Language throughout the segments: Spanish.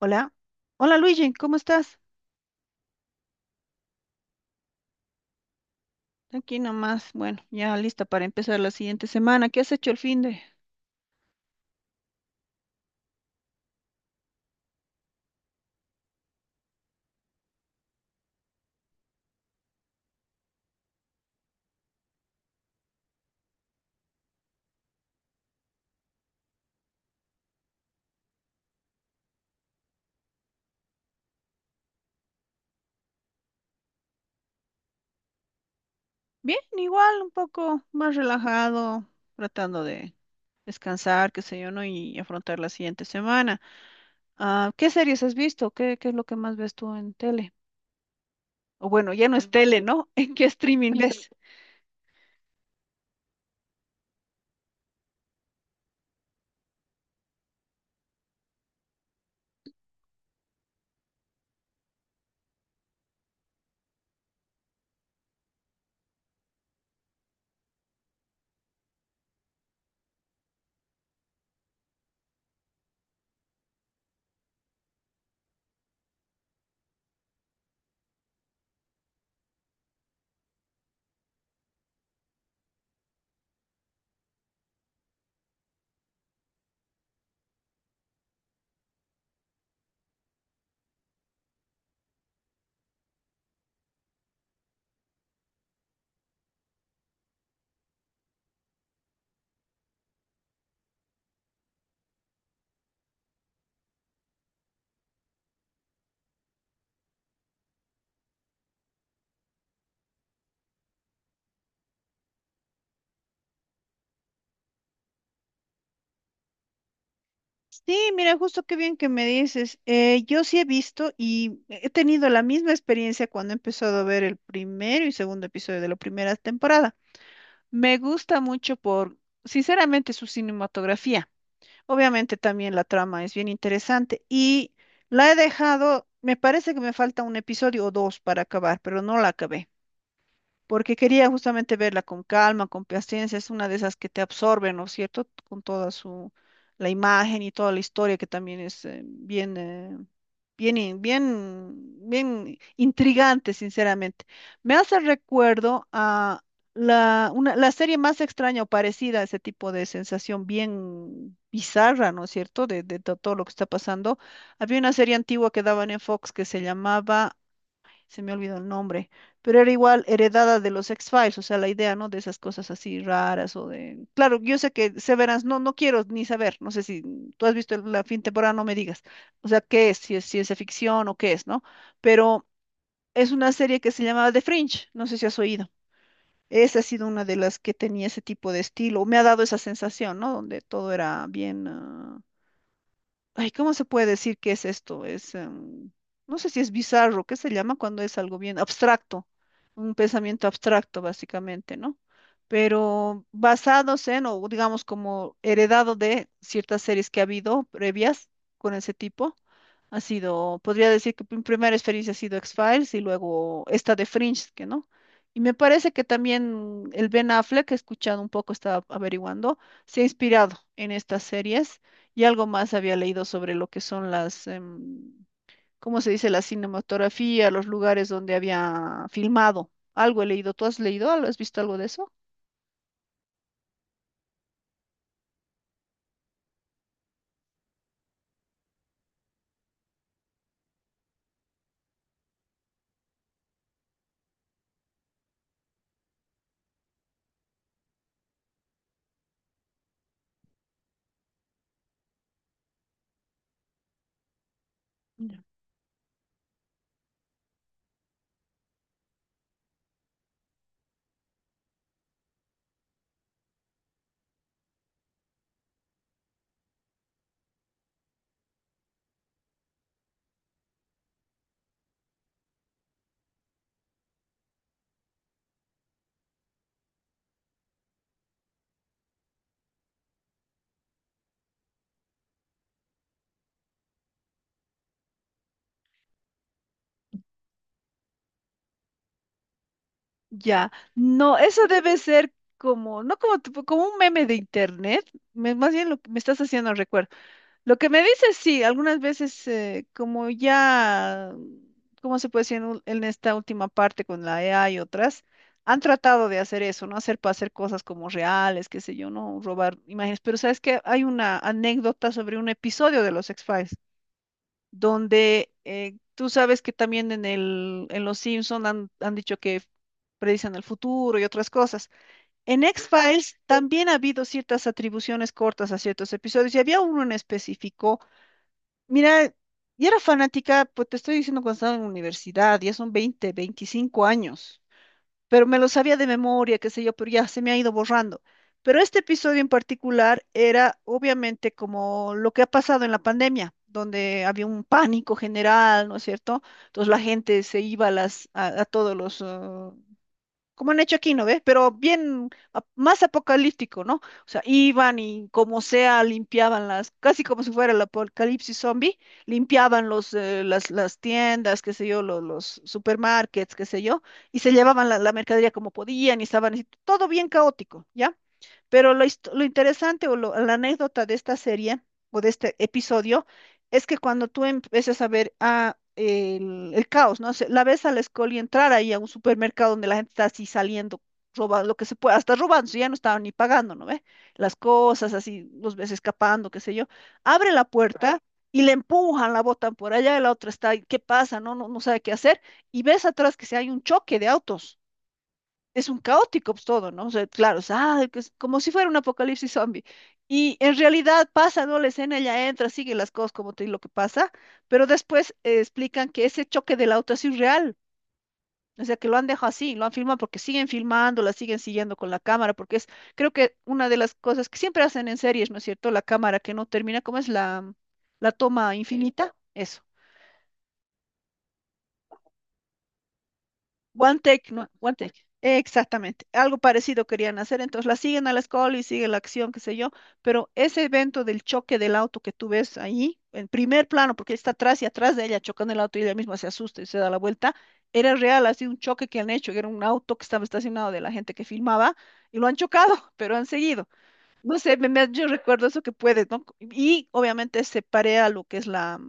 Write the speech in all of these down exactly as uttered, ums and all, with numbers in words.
Hola. Hola Luigi, ¿cómo estás? Aquí nomás, bueno, ya lista para empezar la siguiente semana. ¿Qué has hecho el fin de? Bien, igual, un poco más relajado, tratando de descansar, qué sé yo, ¿no? Y afrontar la siguiente semana. Ah, ¿qué series has visto? ¿Qué, qué es lo que más ves tú en tele? O bueno, ya no es tele, ¿no? ¿En qué streaming ves? Sí, mira, justo qué bien que me dices. Eh, yo sí he visto y he tenido la misma experiencia cuando he empezado a ver el primero y segundo episodio de la primera temporada. Me gusta mucho por, sinceramente, su cinematografía. Obviamente también la trama es bien interesante y la he dejado, me parece que me falta un episodio o dos para acabar, pero no la acabé porque quería justamente verla con calma, con paciencia, es una de esas que te absorben, ¿no es cierto? Con toda su, la imagen y toda la historia que también es eh, bien, eh, bien, in- bien, bien intrigante, sinceramente. Me hace recuerdo a la, una, la serie más extraña o parecida a ese tipo de sensación bien bizarra, ¿no es cierto? De, de to- todo lo que está pasando. Había una serie antigua que daban en Fox que se llamaba, se me olvidó el nombre, pero era igual heredada de los X-Files, o sea, la idea, ¿no? De esas cosas así raras o de... Claro, yo sé que Severance, no, no quiero ni saber, no sé si tú has visto la fin temporada, no me digas, o sea, qué es, si es ciencia ficción o qué es, ¿no? Pero es una serie que se llamaba The Fringe, no sé si has oído. Esa ha sido una de las que tenía ese tipo de estilo, me ha dado esa sensación, ¿no? Donde todo era bien... ah, ay, ¿cómo se puede decir qué es esto? Es, em, no sé si es bizarro, ¿qué se llama cuando es algo bien abstracto? Un pensamiento abstracto, básicamente, ¿no? Pero basados en, o digamos como heredado de ciertas series que ha habido previas con ese tipo. Ha sido, podría decir que mi primera experiencia ha sido X-Files y luego esta de Fringe, que no. Y me parece que también el Ben Affleck, he escuchado un poco, estaba averiguando, se ha inspirado en estas series y algo más había leído sobre lo que son las, em, ¿cómo se dice? La cinematografía, los lugares donde había filmado. Algo he leído. ¿Tú has leído algo? ¿Has visto algo de eso? Ya. Ya, no, eso debe ser como, no como, tipo- como un meme de internet, me- más bien lo que me estás haciendo recuerdo. Lo que me dices, sí, algunas veces eh, como ya, ¿cómo se puede decir en, ul- en esta última parte con la E A y otras? Han tratado de hacer eso, ¿no? Hacer para hacer cosas como reales, qué sé yo, ¿no? Robar imágenes. Pero sabes que hay una anécdota sobre un episodio de los X-Files, donde eh, tú sabes que también en el, en los Simpson han, han dicho que predicen el futuro y otras cosas. En X-Files también ha habido ciertas atribuciones cortas a ciertos episodios y había uno en específico. Mira, yo era fanática, pues te estoy diciendo cuando estaba en la universidad, ya son veinte, veinticinco años, pero me lo sabía de memoria, qué sé yo, pero ya se me ha ido borrando. Pero este episodio en particular era obviamente como lo que ha pasado en la pandemia, donde había un pánico general, ¿no es cierto? Entonces la gente se iba a, las, a, a todos los, ah, como han hecho aquí, ¿no ves? Pero bien ap- más apocalíptico, ¿no? O sea, iban y como sea limpiaban las, casi como si fuera el apocalipsis zombie, limpiaban los, eh, las, las tiendas, qué sé yo, los, los supermarkets, qué sé yo, y se llevaban la, la mercadería como podían y estaban así, todo bien caótico, ¿ya? Pero lo, hist- lo interesante o lo- la anécdota de esta serie o de este episodio es que cuando tú empiezas a ver a el, el caos, ¿no? Se- La ves a la Scully entrar ahí a un supermercado donde la gente está así saliendo, robando lo que se pueda, hasta robando, si ya no estaban ni pagando, ¿no ve? Las cosas así, los ves escapando, qué sé yo. Abre la puerta y le empujan, la botan por allá, y la otra está ahí, ¿qué pasa? No, no, no sabe qué hacer. Y ves atrás que se hay un choque de autos, es un caótico pues, todo, ¿no? O sea, claro, es, ah, que es como si fuera un apocalipsis zombie. Y en realidad pasa, ¿no? La escena, ella entra, sigue las cosas como te digo lo que pasa, pero después eh, explican que ese choque del auto es irreal. O sea, que lo han dejado así, lo han filmado porque siguen filmando, la siguen siguiendo con la cámara, porque es, creo que una de las cosas que siempre hacen en series, ¿no es cierto? La cámara que no termina, ¿cómo es la, la toma infinita? Eso. One Take, no, One Take. Exactamente. Algo parecido querían hacer. Entonces la siguen a la escuela y sigue la acción, qué sé yo. Pero ese evento del choque del auto que tú ves ahí, en primer plano, porque él está atrás y atrás de ella chocando el auto y ella misma se asusta y se da la vuelta, era real, ha sido un choque que han hecho. Era un auto que estaba estacionado de la gente que filmaba y lo han chocado, pero han seguido. No sé, me- me- yo recuerdo eso que puedes, ¿no? Y obviamente se parea lo que es la,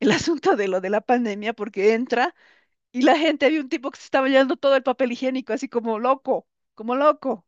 el asunto de lo de la pandemia porque entra. Y la gente, había un tipo que se estaba llevando todo el papel higiénico, así como loco, como loco.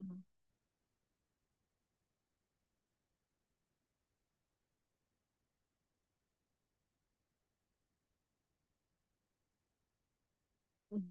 Ujú. Ujú.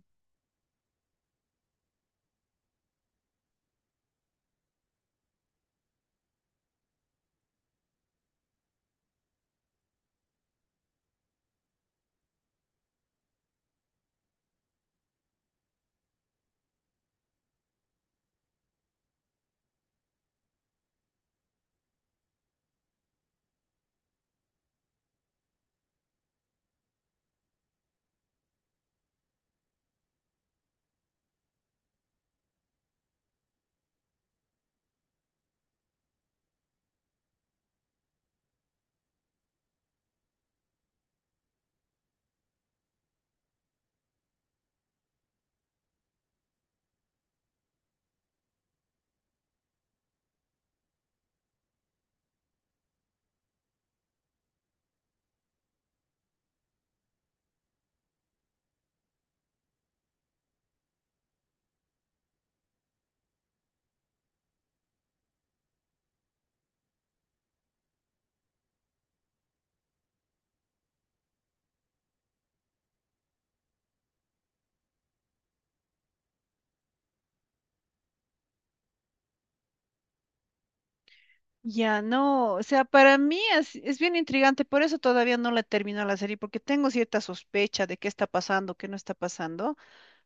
Ya no, o sea, para mí es, es bien intrigante, por eso todavía no la termino la serie, porque tengo cierta sospecha de qué está pasando, qué no está pasando.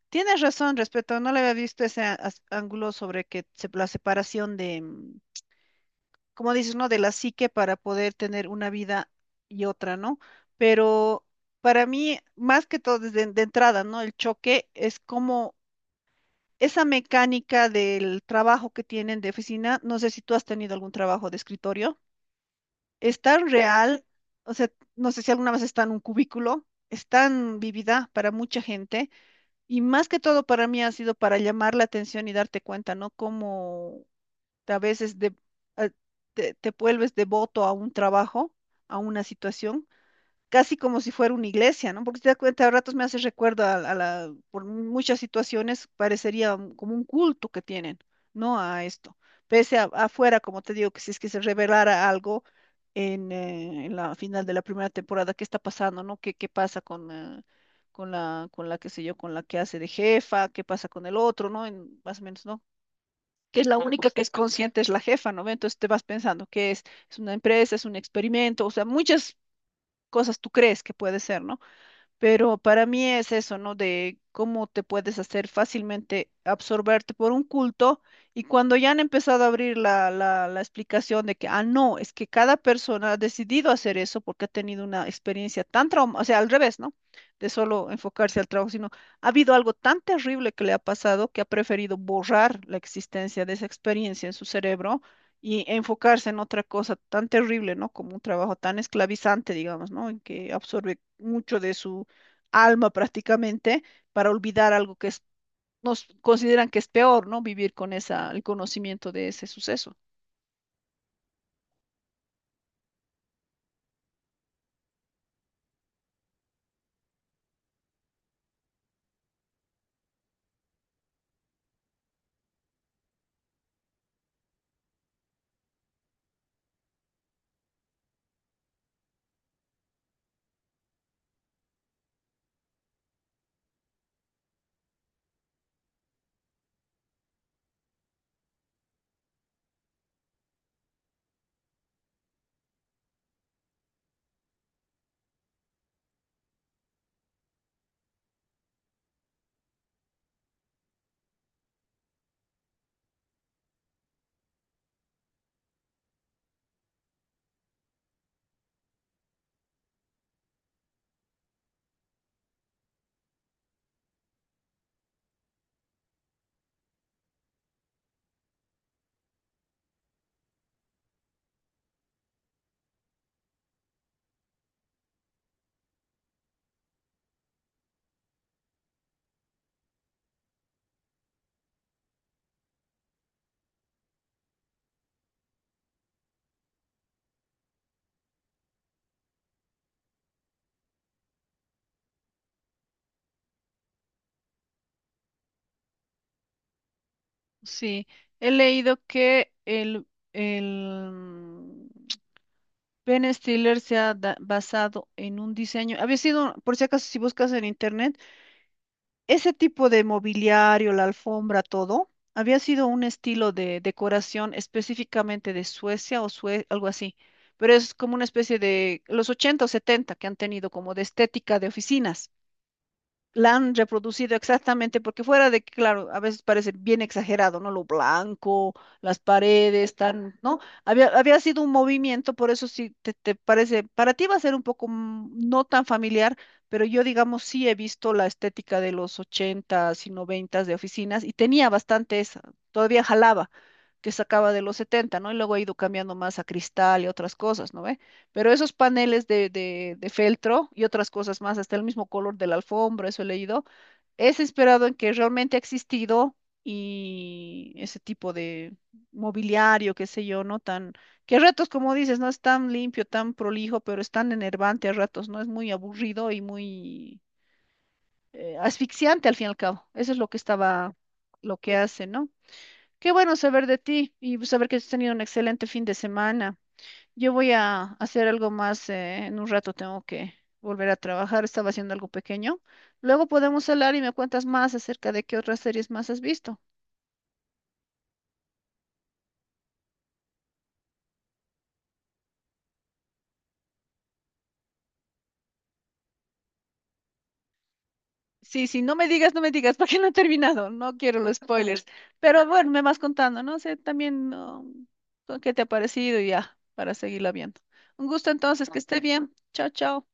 Tienes razón respecto, no le había visto ese a- as- ángulo sobre que se- la separación de, mm, como dices, ¿no? De la psique para poder tener una vida y otra, ¿no? Pero para mí, más que todo, desde de entrada, ¿no? El choque es como esa mecánica del trabajo que tienen de oficina, no sé si tú has tenido algún trabajo de escritorio, es tan real, o sea, no sé si alguna vez está en un cubículo, es tan vivida para mucha gente y más que todo para mí ha sido para llamar la atención y darte cuenta, ¿no? Cómo a veces de- a- te, te vuelves devoto a un trabajo, a una situación casi como si fuera una iglesia, ¿no? Porque si te das cuenta, a ratos me hace recuerdo a, a la, por muchas situaciones parecería un- como un culto que tienen, ¿no? A esto. Pese a, afuera, como te digo, que si es que se revelara algo en, eh, en la final de la primera temporada, ¿qué está pasando, ¿no? ¿Qué, qué pasa con, eh, con la, con la, qué sé yo, con la que hace de jefa? ¿Qué pasa con el otro, ¿no? En, más o menos, ¿no? Que es la, Ah, única pues, que es consciente, es la jefa, ¿no ve? Entonces te vas pensando que es, es una empresa, es un experimento, o sea, muchas cosas tú crees que puede ser, ¿no? Pero para mí es eso, ¿no? De cómo te puedes hacer fácilmente absorberte por un culto y cuando ya han empezado a abrir la, la, la explicación de que, ah, no, es que cada persona ha decidido hacer eso porque ha tenido una experiencia tan traumática, o sea, al revés, ¿no? De solo enfocarse al trabajo, sino ha habido algo tan terrible que le ha pasado que ha preferido borrar la existencia de esa experiencia en su cerebro y enfocarse en otra cosa tan terrible, ¿no? Como un trabajo tan esclavizante, digamos, ¿no? En que absorbe mucho de su alma prácticamente para olvidar algo que es- nos consideran que es peor, ¿no? Vivir con esa, el conocimiento de ese suceso. Sí, he leído que el, el mm, Ben Stiller se ha da- basado en un diseño. Había sido, por si acaso, si buscas en internet, ese tipo de mobiliario, la alfombra, todo, había sido un estilo de decoración específicamente de Suecia o Sue- algo así. Pero es como una especie de los ochenta o setenta que han tenido como de estética de oficinas la han reproducido exactamente, porque fuera de que, claro, a veces parece bien exagerado, ¿no? Lo blanco, las paredes, tan, ¿no? Había, había sido un movimiento, por eso sí te, te parece, para ti va a ser un poco mm, no tan familiar, pero yo, digamos, sí he visto la estética de los ochentas y noventas de oficinas y tenía bastante esa, todavía jalaba que sacaba de los setenta, ¿no? Y luego ha ido cambiando más a cristal y otras cosas, ¿no ve? Pero esos paneles de, de, de feltro y otras cosas más, hasta el mismo color de la alfombra, eso he leído, es inspirado en que realmente ha existido y ese tipo de mobiliario, qué sé yo, ¿no? Tan, que a ratos, como dices, no es tan limpio, tan prolijo, pero es tan enervante a ratos, ¿no? Es muy aburrido y muy eh, asfixiante al fin y al cabo. Eso es lo que estaba, lo que hace, ¿no? Qué bueno saber de ti y saber que has tenido un excelente fin de semana. Yo voy a hacer algo más, eh, en un rato tengo que volver a trabajar, estaba haciendo algo pequeño. Luego podemos hablar y me cuentas más acerca de qué otras series más has visto. Sí, sí, no me digas, no me digas, porque no he terminado, no quiero los spoilers. Pero bueno, me vas contando, no sé, también no, con qué te ha parecido y ya, para seguirla viendo. Un gusto entonces, que esté bien. Chao, chao.